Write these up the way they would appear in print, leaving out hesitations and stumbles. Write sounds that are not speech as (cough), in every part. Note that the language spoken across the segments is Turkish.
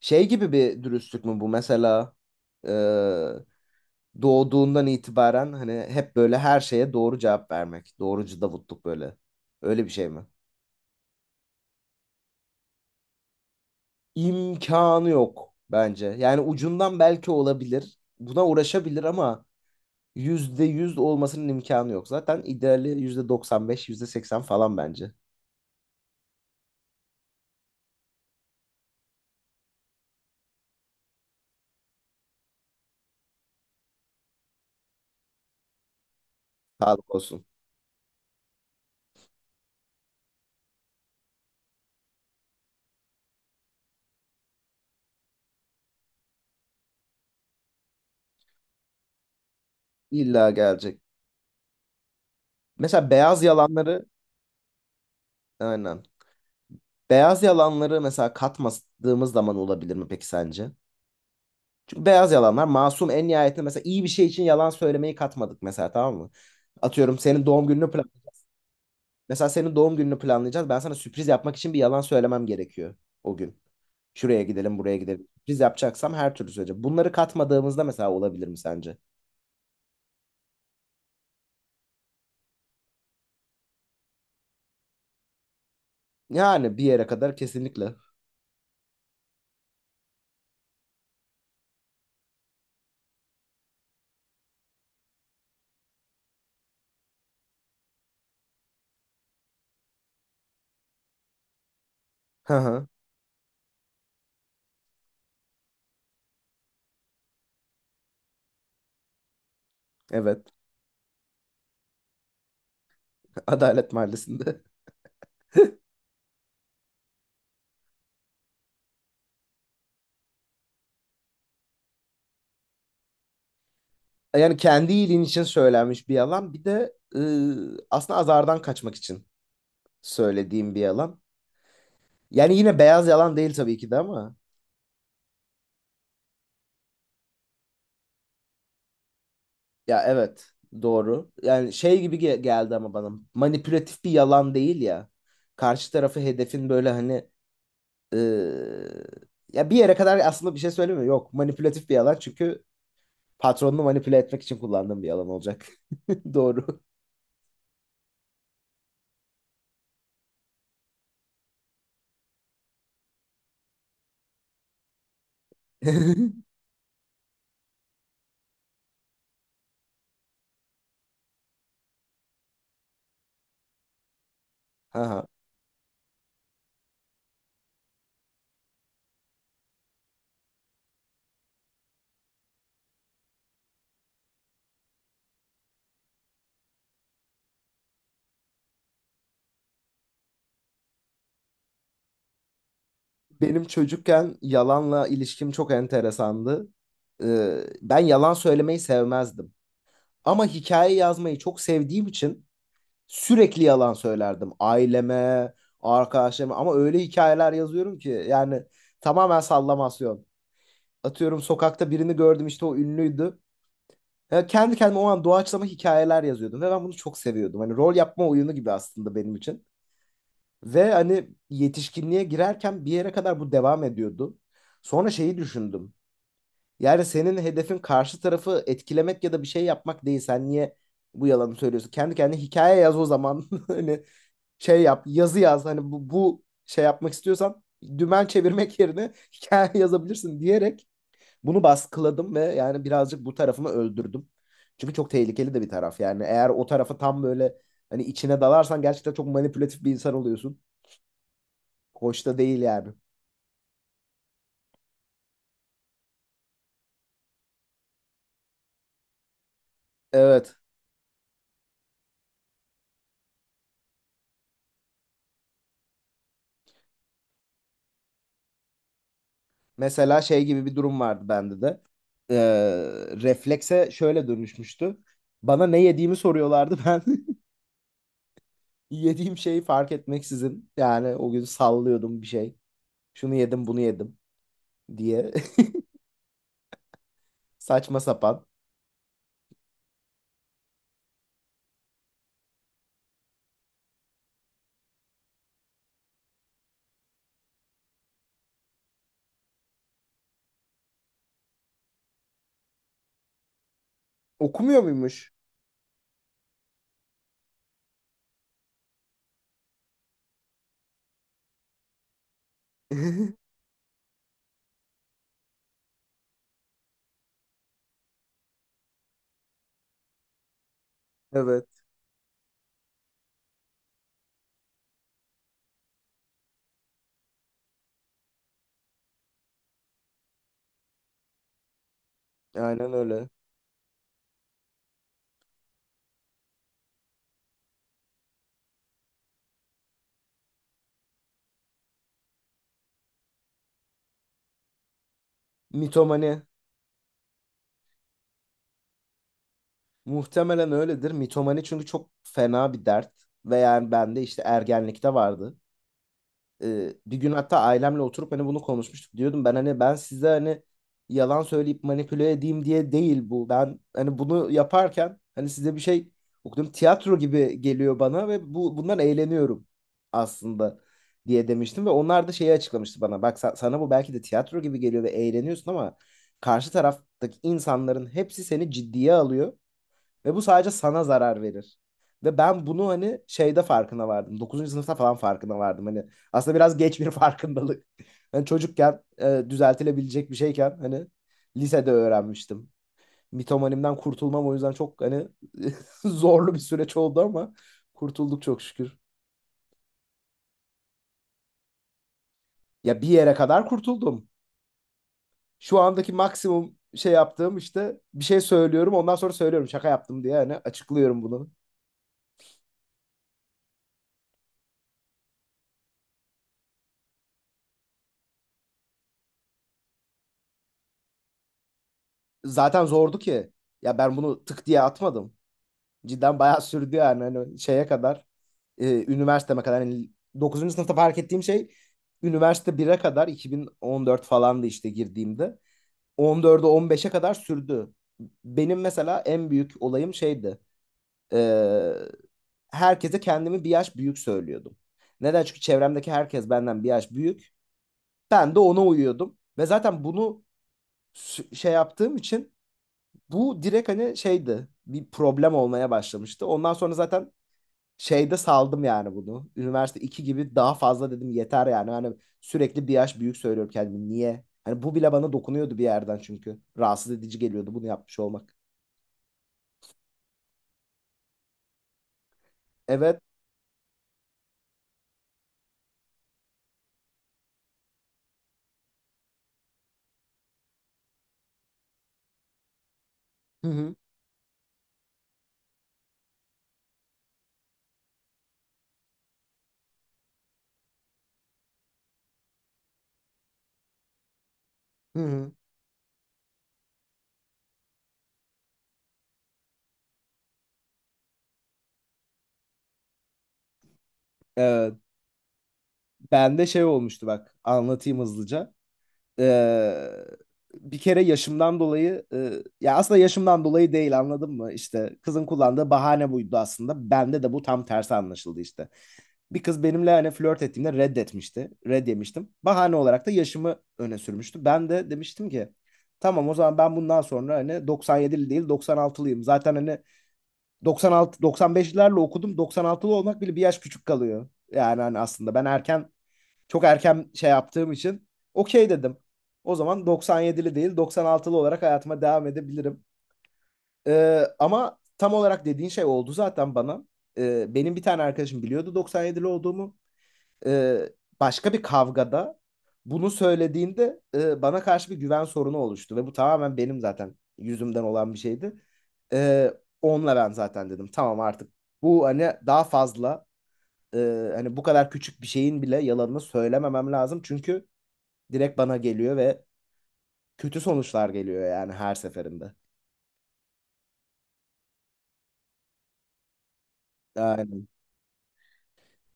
Şey gibi bir dürüstlük mü bu mesela e, doğduğundan itibaren hani hep böyle her şeye doğru cevap vermek. Doğrucu Davutluk böyle. Öyle bir şey mi? İmkanı yok bence. Yani ucundan belki olabilir. Buna uğraşabilir ama %100 olmasının imkanı yok. Zaten ideali %95, %80 falan bence. Sağlık olsun. İlla gelecek. Mesela beyaz yalanları, aynen. Beyaz yalanları mesela katmadığımız zaman olabilir mi peki sence? Çünkü beyaz yalanlar masum en nihayetinde, mesela iyi bir şey için yalan söylemeyi katmadık mesela, tamam mı? Atıyorum senin doğum gününü planlayacağız. Mesela senin doğum gününü planlayacağız. Ben sana sürpriz yapmak için bir yalan söylemem gerekiyor o gün. Şuraya gidelim, buraya gidelim. Sürpriz yapacaksam her türlü söyleyeceğim. Bunları katmadığımızda mesela olabilir mi sence? Yani bir yere kadar kesinlikle. Hı hı. Evet. (laughs) Adalet Mahallesi'nde. Yani kendi iyiliğin için söylenmiş bir yalan. Bir de aslında azardan kaçmak için söylediğim bir yalan. Yani yine beyaz yalan değil tabii ki de ama. Ya evet, doğru. Yani şey gibi geldi, ama bana manipülatif bir yalan değil ya. Karşı tarafı hedefin böyle hani eee, ya bir yere kadar aslında bir şey söylemiyor. Yok, manipülatif bir yalan çünkü patronunu manipüle etmek için kullandığım bir yalan olacak. (laughs) Doğru. (laughs) Aha. Benim çocukken yalanla ilişkim çok enteresandı. Ben yalan söylemeyi sevmezdim. Ama hikaye yazmayı çok sevdiğim için sürekli yalan söylerdim aileme, arkadaşlarıma, ama öyle hikayeler yazıyorum ki yani tamamen sallamasyon. Atıyorum sokakta birini gördüm, işte o ünlüydü. Ya kendi kendime o an doğaçlama hikayeler yazıyordum ve ben bunu çok seviyordum. Hani rol yapma oyunu gibi aslında benim için. Ve hani yetişkinliğe girerken bir yere kadar bu devam ediyordu. Sonra şeyi düşündüm. Yani senin hedefin karşı tarafı etkilemek ya da bir şey yapmak değil. Sen niye bu yalanı söylüyorsun? Kendi kendine hikaye yaz o zaman. (laughs) Hani şey yap, yazı yaz. Hani bu, şey yapmak istiyorsan dümen çevirmek (laughs) yerine hikaye yazabilirsin diyerek bunu baskıladım ve yani birazcık bu tarafımı öldürdüm. Çünkü çok tehlikeli de bir taraf. Yani eğer o tarafa tam böyle hani içine dalarsan gerçekten çok manipülatif bir insan oluyorsun. Hoş da değil yani. Evet. Mesela şey gibi bir durum vardı bende de. Ee, Reflekse şöyle dönüşmüştü. Bana ne yediğimi soruyorlardı ben. (laughs) Yediğim şeyi fark etmeksizin yani o gün sallıyordum bir şey. Şunu yedim, bunu yedim diye (laughs) saçma sapan. Okumuyor muymuş? (laughs) Evet, aynen öyle. Mitomani muhtemelen öyledir. Mitomani çünkü çok fena bir dert ve yani bende işte ergenlikte vardı. Bir gün hatta ailemle oturup hani bunu konuşmuştuk. Diyordum ben hani, ben size hani yalan söyleyip manipüle edeyim diye değil bu. Ben hani bunu yaparken hani size bir şey okudum, tiyatro gibi geliyor bana ve bu bundan eğleniyorum aslında diye demiştim ve onlar da şeyi açıklamıştı bana. Bak sana bu belki de tiyatro gibi geliyor ve eğleniyorsun, ama karşı taraftaki insanların hepsi seni ciddiye alıyor ve bu sadece sana zarar verir. Ve ben bunu hani şeyde farkına vardım. Dokuzuncu sınıfta falan farkına vardım. Hani aslında biraz geç bir farkındalık. (laughs) Ben çocukken düzeltilebilecek bir şeyken hani lisede öğrenmiştim. Mitomanimden kurtulmam o yüzden çok hani (laughs) zorlu bir süreç oldu ama kurtulduk çok şükür. Ya bir yere kadar kurtuldum. Şu andaki maksimum şey yaptığım, işte bir şey söylüyorum ondan sonra söylüyorum şaka yaptım diye, hani açıklıyorum bunu. Zaten zordu ki. Ya ben bunu tık diye atmadım. Cidden bayağı sürdü yani hani şeye kadar, üniversiteme kadar yani, 9. sınıfta fark ettiğim şey üniversite bire kadar 2014 falandı işte girdiğimde. 14'e, 15'e kadar sürdü. Benim mesela en büyük olayım şeydi. e, Herkese kendimi bir yaş büyük söylüyordum. Neden? Çünkü çevremdeki herkes benden bir yaş büyük. Ben de ona uyuyordum. Ve zaten bunu şey yaptığım için bu direkt hani şeydi. Bir problem olmaya başlamıştı. Ondan sonra zaten şeyde saldım yani bunu. Üniversite 2 gibi daha fazla dedim, yeter yani. Hani sürekli bir yaş büyük söylüyorum kendimi. Niye? Hani bu bile bana dokunuyordu bir yerden çünkü. Rahatsız edici geliyordu bunu yapmış olmak. Evet. Hı hı. Hı hı. Ee, Bende şey olmuştu, bak anlatayım hızlıca. Ee, Bir kere yaşımdan dolayı ya aslında yaşımdan dolayı değil, anladın mı? İşte kızın kullandığı bahane buydu aslında. Bende de bu tam tersi anlaşıldı işte. Bir kız benimle hani flört ettiğimde reddetmişti. Red yemiştim. Bahane olarak da yaşımı öne sürmüştü. Ben de demiştim ki tamam, o zaman ben bundan sonra hani 97'li değil 96'lıyım. Zaten hani 96, 95'lerle okudum. 96'lı olmak bile bir yaş küçük kalıyor. Yani hani aslında ben erken, çok erken şey yaptığım için okey dedim. O zaman 97'li değil 96'lı olarak hayatıma devam edebilirim. Ama tam olarak dediğin şey oldu zaten bana. Benim bir tane arkadaşım biliyordu 97'li olduğumu, e, başka bir kavgada bunu söylediğinde bana karşı bir güven sorunu oluştu ve bu tamamen benim zaten yüzümden olan bir şeydi. E, Onunla ben zaten dedim tamam, artık bu hani daha fazla, e, hani bu kadar küçük bir şeyin bile yalanını söylememem lazım çünkü direkt bana geliyor ve kötü sonuçlar geliyor yani her seferinde. Yani,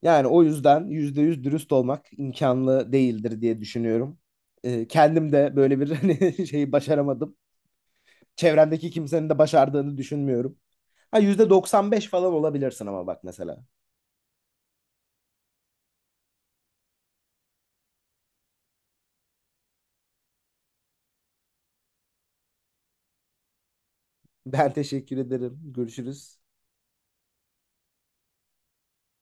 yani, o yüzden yüzde yüz dürüst olmak imkanlı değildir diye düşünüyorum. Kendim de böyle bir (laughs) hani şeyi başaramadım. Çevremdeki kimsenin de başardığını düşünmüyorum. Ha, %95 falan olabilirsin ama bak mesela. Ben teşekkür ederim. Görüşürüz.